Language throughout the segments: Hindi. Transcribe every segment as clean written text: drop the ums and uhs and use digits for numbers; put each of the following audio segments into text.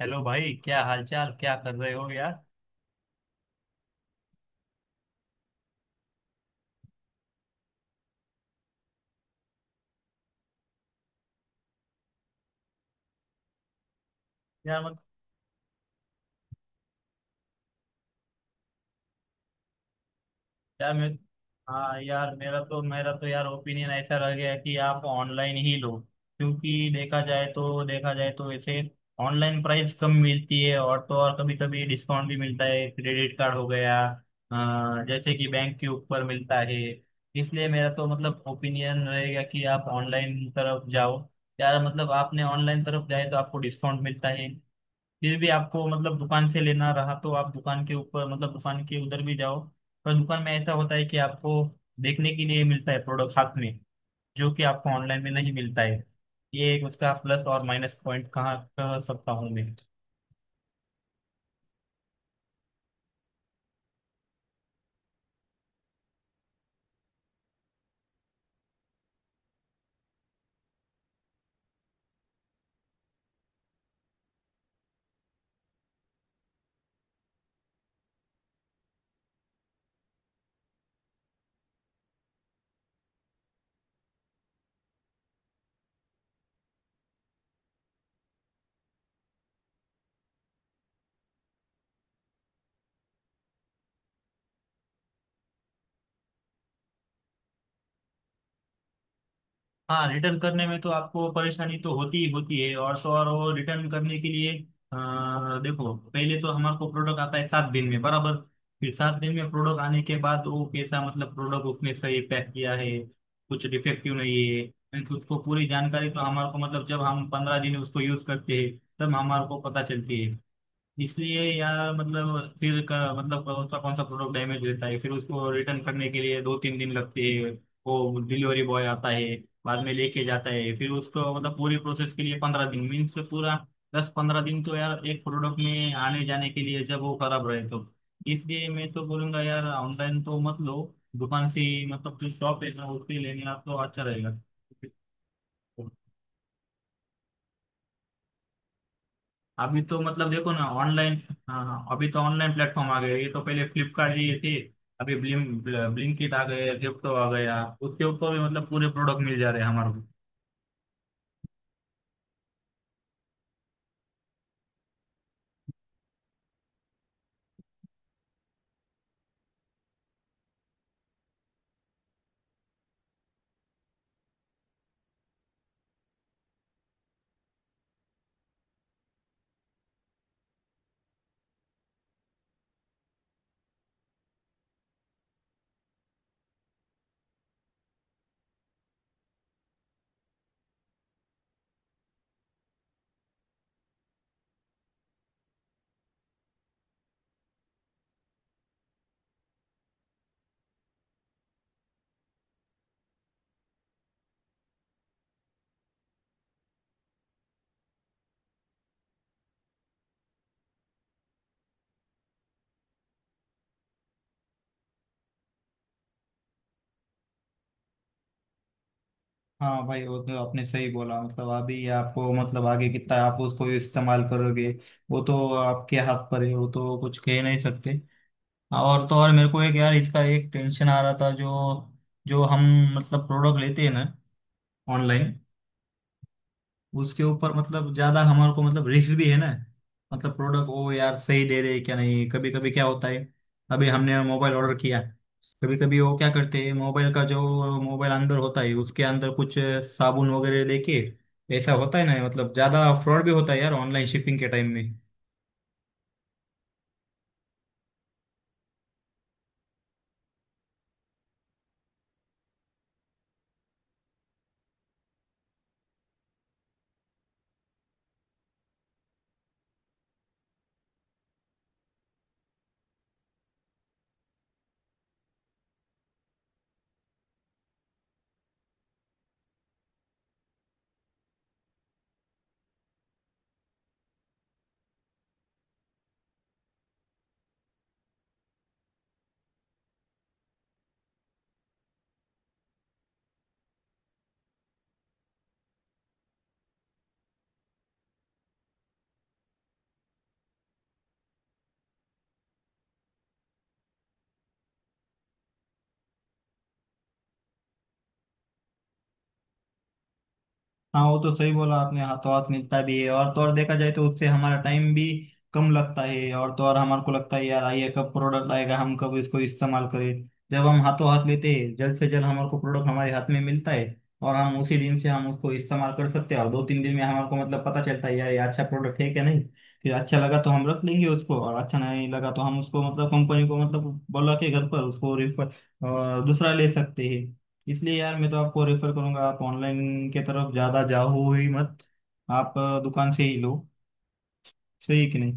हेलो भाई, क्या हालचाल, क्या कर रहे हो यार। यार मत यार मैं हाँ यार, मेरा तो यार ओपिनियन ऐसा रह गया है कि आप ऑनलाइन ही लो। क्योंकि देखा जाए तो वैसे ऑनलाइन प्राइस कम मिलती है, और तो और कभी कभी डिस्काउंट भी मिलता है, क्रेडिट कार्ड हो गया, जैसे कि बैंक के ऊपर मिलता है। इसलिए मेरा तो मतलब ओपिनियन रहेगा कि आप ऑनलाइन तरफ जाओ। यार मतलब आपने ऑनलाइन तरफ जाए तो आपको डिस्काउंट मिलता है। फिर भी आपको मतलब दुकान से लेना रहा तो आप दुकान के ऊपर मतलब दुकान के उधर भी जाओ। पर दुकान में ऐसा होता है कि आपको देखने के लिए मिलता है प्रोडक्ट हाथ में, जो कि आपको ऑनलाइन में नहीं मिलता है। ये एक उसका प्लस और माइनस पॉइंट कहाँ कह सकता हूँ मैं। हाँ, रिटर्न करने में तो आपको परेशानी तो होती ही होती है, और तो और वो रिटर्न करने के लिए अ, देखो, पहले तो हमारे को प्रोडक्ट आता है 7 दिन में बराबर। फिर 7 दिन में प्रोडक्ट आने के बाद वो कैसा मतलब प्रोडक्ट उसने सही पैक किया है, कुछ डिफेक्टिव नहीं है, मीन्स उसको पूरी जानकारी तो हमारे को मतलब जब हम 15 दिन उसको यूज करते हैं तब हमारे को पता चलती है। इसलिए या मतलब फिर का मतलब कौन सा प्रोडक्ट डैमेज रहता है, फिर उसको रिटर्न करने के लिए 2-3 दिन लगते हैं। वो डिलीवरी बॉय आता है, बाद में लेके जाता है, फिर उसको मतलब पूरी प्रोसेस के लिए 15 दिन मीन्स पूरा 10-15 दिन तो यार एक प्रोडक्ट में आने जाने के लिए जब वो खराब रहे तो। इसलिए मैं तो बोलूंगा यार ऑनलाइन तो मत लो, दुकान से ही, मतलब जो शॉप है ना उससे लेने आप तो अच्छा रहेगा। अभी तो मतलब देखो ना ऑनलाइन। हाँ हाँ, अभी तो ऑनलाइन प्लेटफॉर्म आ गए, ये तो पहले फ्लिपकार्ट ये थे। अभी ब्लिंकिट आ गए, जेप्टो आ गया, उसके ऊपर भी मतलब पूरे प्रोडक्ट मिल जा रहे हैं हमारे को। हाँ भाई वो तो आपने सही बोला, मतलब अभी ये आपको मतलब आगे कितना आप उसको इस्तेमाल करोगे वो तो आपके हाथ पर है, वो तो कुछ कह नहीं सकते। और तो और मेरे को एक यार इसका एक टेंशन आ रहा था, जो जो हम मतलब प्रोडक्ट लेते हैं ना ऑनलाइन, उसके ऊपर मतलब ज्यादा हमारे को मतलब रिस्क भी है ना। मतलब प्रोडक्ट ओ यार सही दे रहे हैं क्या नहीं, कभी कभी क्या होता है, अभी हमने मोबाइल ऑर्डर किया, कभी कभी वो क्या करते हैं मोबाइल का, जो मोबाइल अंदर होता है उसके अंदर कुछ साबुन वगैरह लेके ऐसा होता है ना, मतलब ज्यादा फ्रॉड भी होता है यार ऑनलाइन शिपिंग के टाइम में। हाँ वो तो सही बोला आपने, हाथों हाथ मिलता भी है, और तो और देखा जाए तो उससे हमारा टाइम भी कम लगता है, और तो और हमारे को लगता है यार आइए कब प्रोडक्ट आएगा हम कब इसको इस्तेमाल करें, जब हम हाथों हाथ लेते हैं जल्द से जल्द हमारे को प्रोडक्ट हमारे हाथ में मिलता है, और हम उसी दिन से हम उसको इस्तेमाल कर सकते हैं, और 2-3 दिन में हमारे को मतलब पता चलता है यार ये अच्छा प्रोडक्ट है क्या नहीं। फिर अच्छा लगा तो हम रख लेंगे उसको, और अच्छा नहीं लगा तो हम उसको मतलब कंपनी को मतलब बोला के घर पर उसको रिफर दूसरा ले सकते हैं। इसलिए यार मैं तो आपको रेफर करूंगा आप ऑनलाइन के तरफ ज्यादा जाओ ही मत। आप दुकान से ही लो, सही कि नहीं।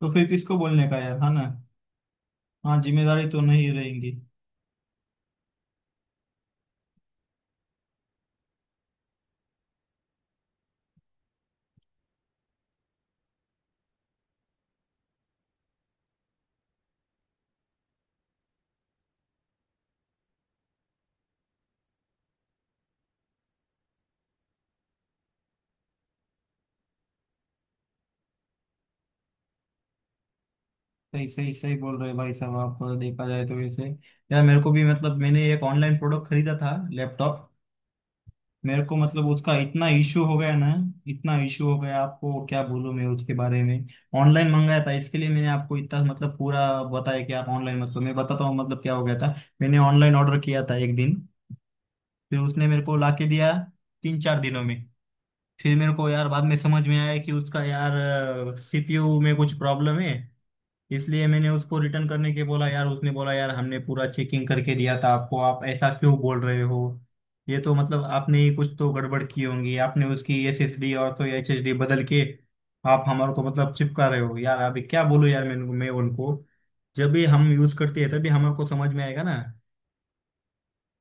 तो फिर किसको बोलने का यार है ना। हाँ, जिम्मेदारी तो नहीं रहेंगी। सही सही सही बोल रहे हैं भाई साहब आप, देखा जाए तो वैसे यार मेरे को भी मतलब मैंने एक ऑनलाइन प्रोडक्ट खरीदा था लैपटॉप। मेरे को मतलब उसका इतना इशू हो गया ना, इतना इशू हो गया आपको क्या बोलूं मैं उसके बारे में। ऑनलाइन मंगाया था, इसके लिए मैंने आपको इतना मतलब पूरा बताया कि आप ऑनलाइन मत करो, मैं बताता हूँ मतलब क्या हो गया था। मैंने ऑनलाइन ऑर्डर किया था एक दिन, फिर उसने मेरे को लाके दिया 3-4 दिनों में। फिर मेरे को यार बाद में समझ में आया कि उसका यार सीपीयू में कुछ प्रॉब्लम है। इसलिए मैंने उसको रिटर्न करने के बोला यार, उसने बोला यार हमने पूरा चेकिंग करके दिया था आपको आप ऐसा क्यों बोल रहे हो। ये तो मतलब आपने ही कुछ तो गड़बड़ की होगी, आपने उसकी एसएसडी और तो एचएसडी बदल के आप हमारे को मतलब चिपका रहे हो यार। अभी क्या बोलूं यार मैं उनको, जब भी हम यूज करते हैं तभी हमारे को समझ में आएगा ना,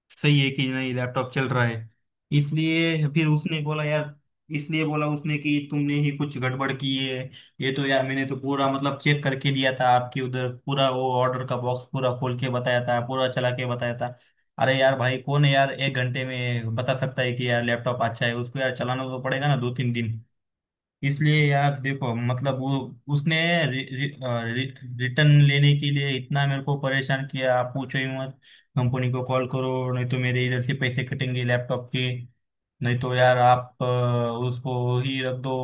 सही है कि नहीं लैपटॉप चल रहा है। इसलिए फिर उसने बोला यार, इसलिए बोला उसने कि तुमने ही कुछ गड़बड़ की है। ये तो यार मैंने तो पूरा मतलब चेक करके दिया था आपके उधर पूरा, वो ऑर्डर का बॉक्स पूरा खोल के बताया था, पूरा चला के बताया था। अरे यार भाई कौन है यार 1 घंटे में बता सकता है कि यार लैपटॉप अच्छा है, उसको यार चलाना तो पड़ेगा ना 2-3 दिन। इसलिए यार देखो मतलब वो उसने रि, रि, अ, रि, रिटर्न लेने के लिए इतना मेरे को परेशान किया, आप पूछो ही मत। कंपनी को कॉल करो नहीं तो मेरे इधर से पैसे कटेंगे लैपटॉप के, नहीं तो यार आप उसको ही रख दो,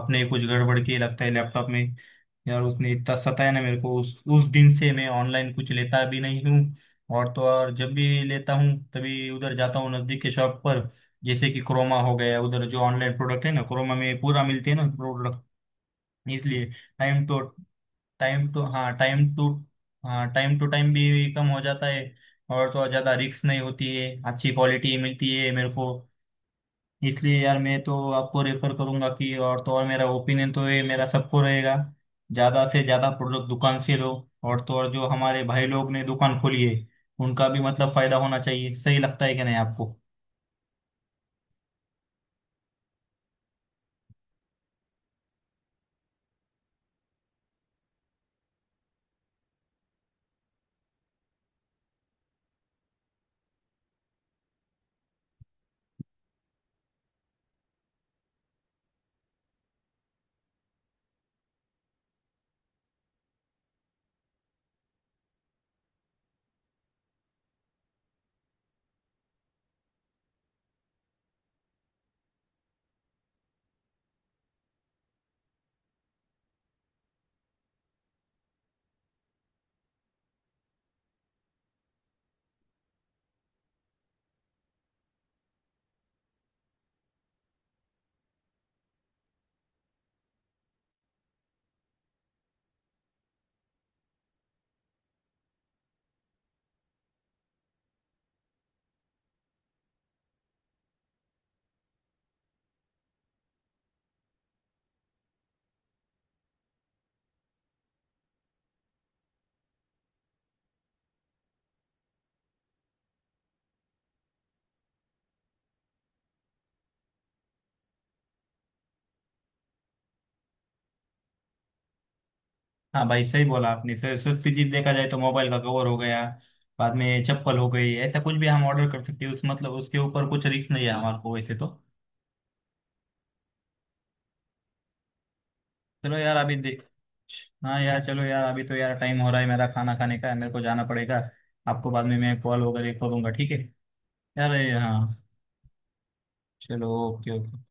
आपने कुछ गड़बड़ की लगता है लैपटॉप में। यार उसने इतना सताया ना मेरे को उस दिन से मैं ऑनलाइन कुछ लेता भी नहीं हूँ। और तो और जब भी लेता हूँ तभी उधर जाता हूँ नज़दीक के शॉप पर, जैसे कि क्रोमा हो गया, उधर जो ऑनलाइन प्रोडक्ट है ना क्रोमा में पूरा मिलते हैं ना प्रोडक्ट। इसलिए टाइम तो टाइम टू हाँ टाइम टू हाँ टाइम टू टाइम भी कम हो जाता है, और तो और ज़्यादा रिस्क नहीं होती है, अच्छी क्वालिटी मिलती है मेरे को। इसलिए यार मैं तो आपको रेफर करूंगा कि और तो और मेरा ओपिनियन तो ये मेरा सबको रहेगा, ज्यादा से ज्यादा प्रोडक्ट दुकान से लो। और तो और जो हमारे भाई लोग ने दुकान खोली है उनका भी मतलब फायदा होना चाहिए, सही लगता है कि नहीं आपको। हाँ भाई सही बोला आपने, सस्ती चीज देखा जाए तो मोबाइल का कवर हो गया, बाद में चप्पल हो गई, ऐसा कुछ भी हम ऑर्डर कर सकते हैं उस मतलब उसके ऊपर कुछ रिस्क नहीं है हमारे को वैसे तो। चलो यार अभी देख हाँ यार, चलो यार अभी तो यार टाइम हो रहा है मेरा खाना खाने का, मेरे को जाना पड़ेगा। आपको बाद में मैं कॉल वगैरह करूँगा, ठीक है। यार ये, हाँ, चलो ओके ओके।